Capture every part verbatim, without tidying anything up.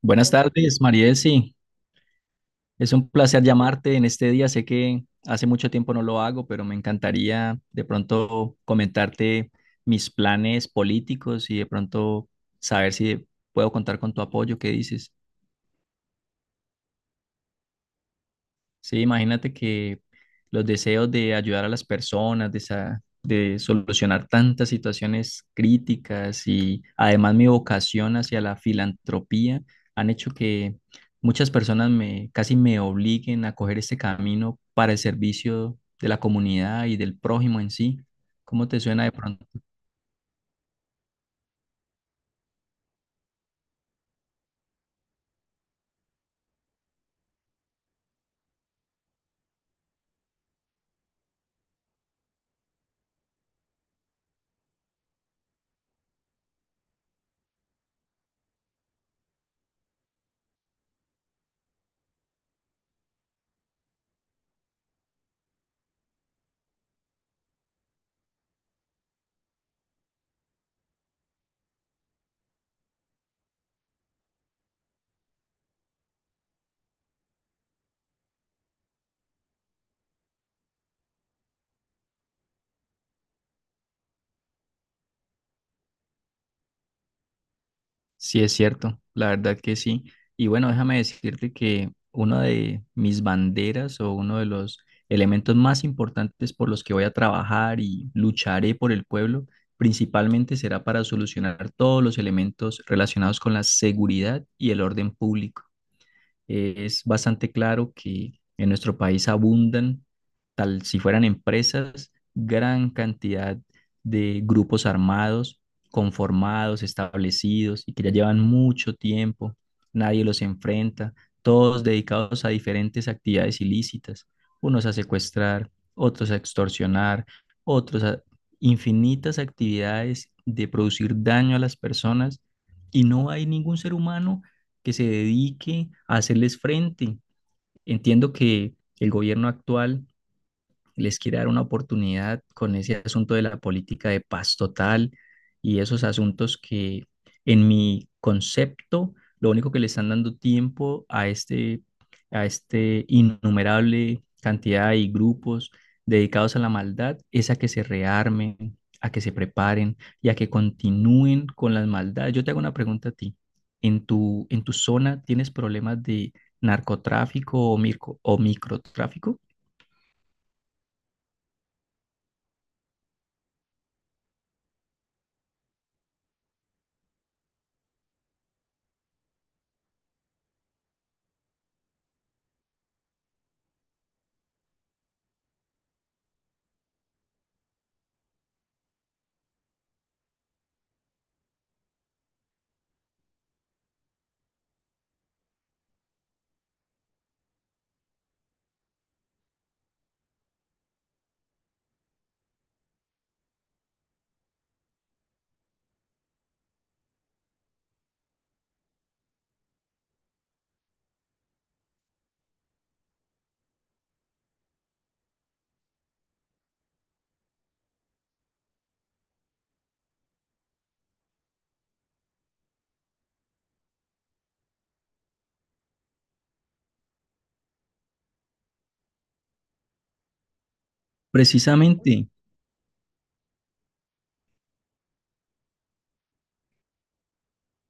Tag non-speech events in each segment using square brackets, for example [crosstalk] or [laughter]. Buenas tardes, Marielsi. Es un placer llamarte en este día. Sé que hace mucho tiempo no lo hago, pero me encantaría de pronto comentarte mis planes políticos y de pronto saber si puedo contar con tu apoyo. ¿Qué dices? Sí, imagínate que los deseos de ayudar a las personas, de, sa- de solucionar tantas situaciones críticas y además mi vocación hacia la filantropía han hecho que muchas personas me casi me obliguen a coger este camino para el servicio de la comunidad y del prójimo en sí. ¿Cómo te suena de pronto? Sí, es cierto, la verdad que sí. Y bueno, déjame decirte que una de mis banderas o uno de los elementos más importantes por los que voy a trabajar y lucharé por el pueblo, principalmente será para solucionar todos los elementos relacionados con la seguridad y el orden público. Eh, es bastante claro que en nuestro país abundan, tal si fueran empresas, gran cantidad de grupos armados, conformados, establecidos y que ya llevan mucho tiempo, nadie los enfrenta, todos dedicados a diferentes actividades ilícitas, unos a secuestrar, otros a extorsionar, otros a infinitas actividades de producir daño a las personas y no hay ningún ser humano que se dedique a hacerles frente. Entiendo que el gobierno actual les quiere dar una oportunidad con ese asunto de la política de paz total y esos asuntos que en mi concepto lo único que le están dando tiempo a este, a este innumerable cantidad y grupos dedicados a la maldad es a que se rearmen, a que se preparen y a que continúen con las maldades. Yo te hago una pregunta a ti. ¿En tu, en tu zona tienes problemas de narcotráfico o, micro, o microtráfico? Precisamente,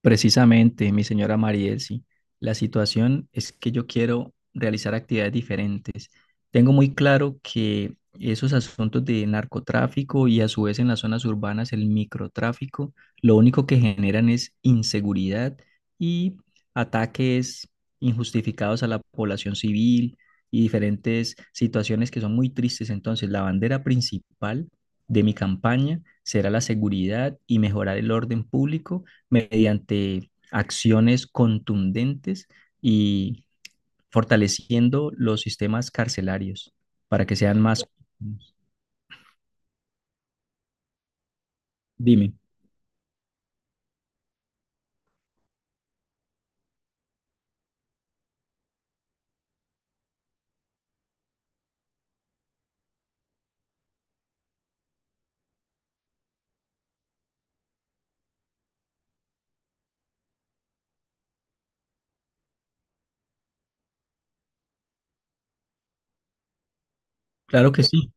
Precisamente, mi señora Mariel, sí. La situación es que yo quiero realizar actividades diferentes. Tengo muy claro que esos asuntos de narcotráfico y a su vez en las zonas urbanas el microtráfico, lo único que generan es inseguridad y ataques injustificados a la población civil y diferentes situaciones que son muy tristes. Entonces, la bandera principal de mi campaña será la seguridad y mejorar el orden público mediante acciones contundentes y fortaleciendo los sistemas carcelarios para que sean más... Dime, claro que sí.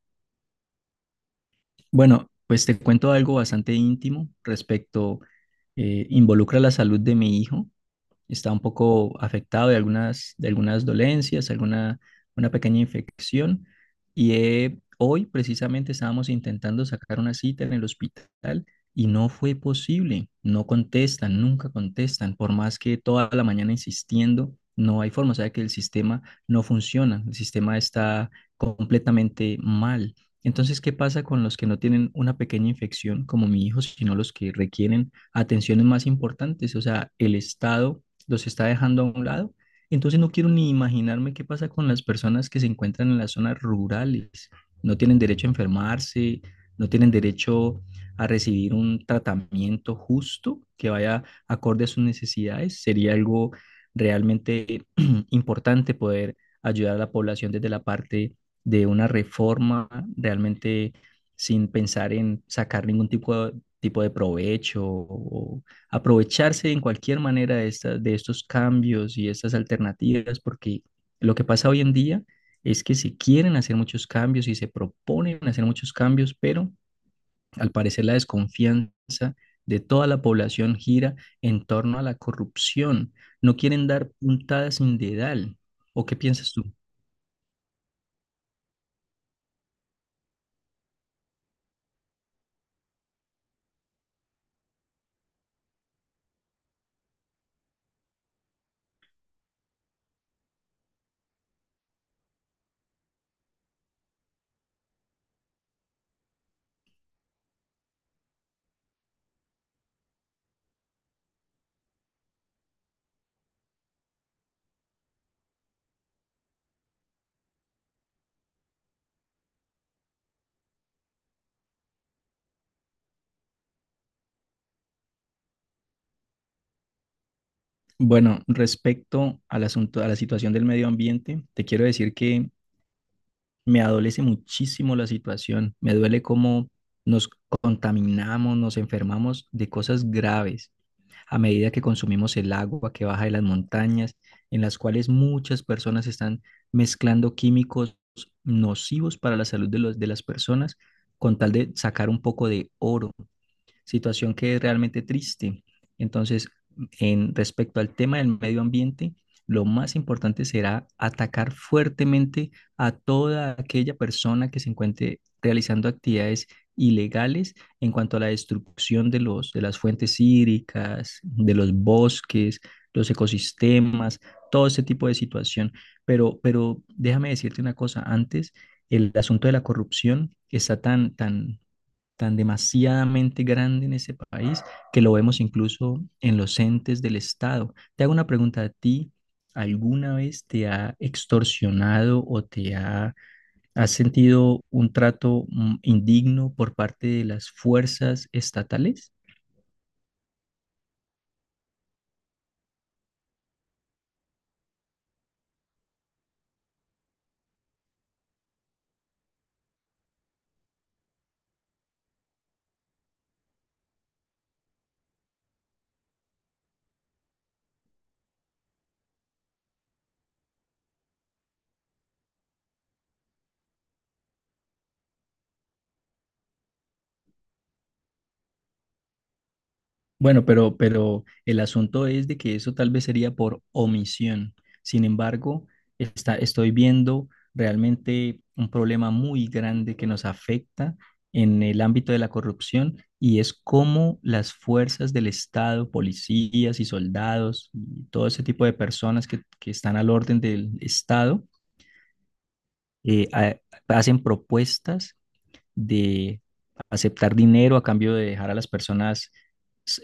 Bueno, pues te cuento algo bastante íntimo respecto, eh, involucra la salud de mi hijo. Está un poco afectado de algunas, de algunas dolencias, alguna una pequeña infección. Y eh, hoy precisamente estábamos intentando sacar una cita en el hospital y no fue posible. No contestan, nunca contestan, por más que toda la mañana insistiendo. No hay forma, o sea que el sistema no funciona, el sistema está completamente mal. Entonces, ¿qué pasa con los que no tienen una pequeña infección como mi hijo, sino los que requieren atenciones más importantes? O sea, el Estado los está dejando a un lado. Entonces no quiero ni imaginarme qué pasa con las personas que se encuentran en las zonas rurales. No tienen derecho a enfermarse, no tienen derecho a recibir un tratamiento justo que vaya acorde a sus necesidades. Sería algo realmente [clears throat] importante poder ayudar a la población desde la parte de una reforma realmente sin pensar en sacar ningún tipo de, tipo de provecho o aprovecharse en cualquier manera de, estas- de estos cambios y estas alternativas, porque lo que pasa hoy en día es que se quieren hacer muchos cambios y se proponen hacer muchos cambios, pero al parecer la desconfianza de toda la población gira en torno a la corrupción. No quieren dar puntadas sin dedal. ¿O qué piensas tú? Bueno, respecto al asunto, a la situación del medio ambiente, te quiero decir que me adolece muchísimo la situación. Me duele cómo nos contaminamos, nos enfermamos de cosas graves a medida que consumimos el agua que baja de las montañas, en las cuales muchas personas están mezclando químicos nocivos para la salud de los, de las personas con tal de sacar un poco de oro, situación que es realmente triste. Entonces, en respecto al tema del medio ambiente, lo más importante será atacar fuertemente a toda aquella persona que se encuentre realizando actividades ilegales en cuanto a la destrucción de los de las fuentes hídricas, de los bosques, los ecosistemas, todo ese tipo de situación. Pero, pero déjame decirte una cosa antes, el asunto de la corrupción está tan, tan, tan demasiadamente grande en ese país que lo vemos incluso en los entes del Estado. Te hago una pregunta a ti. ¿Alguna vez te ha extorsionado o te ha, has sentido un trato mm, indigno por parte de las fuerzas estatales? Bueno, pero, pero el asunto es de que eso tal vez sería por omisión. Sin embargo, está, estoy viendo realmente un problema muy grande que nos afecta en el ámbito de la corrupción y es cómo las fuerzas del Estado, policías y soldados y todo ese tipo de personas que, que están al orden del Estado, eh, ha- hacen propuestas de aceptar dinero a cambio de dejar a las personas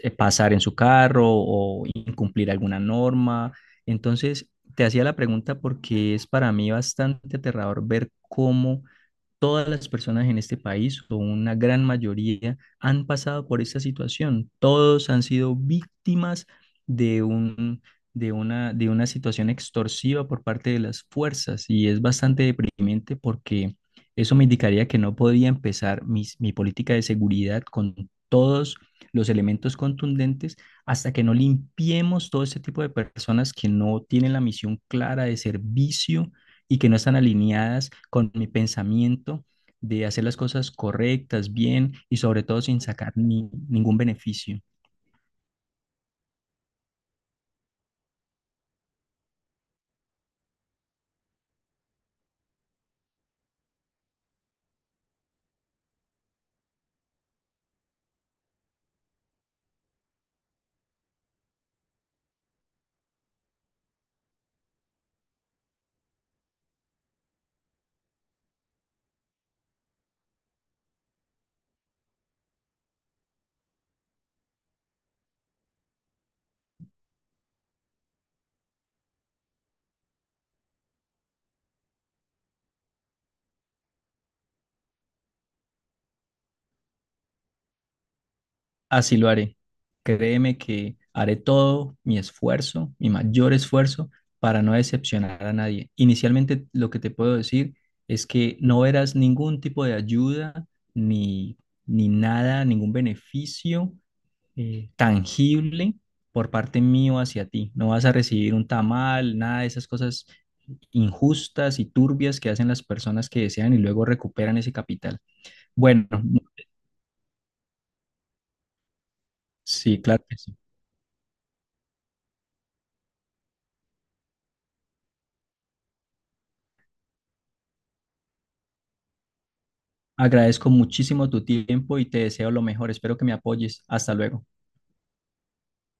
eh, pasar en su carro o incumplir alguna norma. Entonces, te hacía la pregunta porque es para mí bastante aterrador ver cómo todas las personas en este país, o una gran mayoría, han pasado por esta situación. Todos han sido víctimas de un, de una, de una situación extorsiva por parte de las fuerzas y es bastante deprimente porque eso me indicaría que no podía empezar mis- mi política de seguridad con todos los elementos contundentes hasta que no limpiemos todo este tipo de personas que no tienen la misión clara de servicio y que no están alineadas con mi pensamiento de hacer las cosas correctas, bien y sobre todo sin sacar ni- ningún beneficio. Así lo haré. Créeme que haré todo mi esfuerzo, mi mayor esfuerzo para no decepcionar a nadie. Inicialmente lo que te puedo decir es que no verás ningún tipo de ayuda ni, ni nada, ningún beneficio eh, tangible por parte mío hacia ti. No vas a recibir un tamal, nada de esas cosas injustas y turbias que hacen las personas que desean y luego recuperan ese capital. Bueno, sí, claro que sí. Agradezco muchísimo tu tiempo y te deseo lo mejor. Espero que me apoyes. Hasta luego.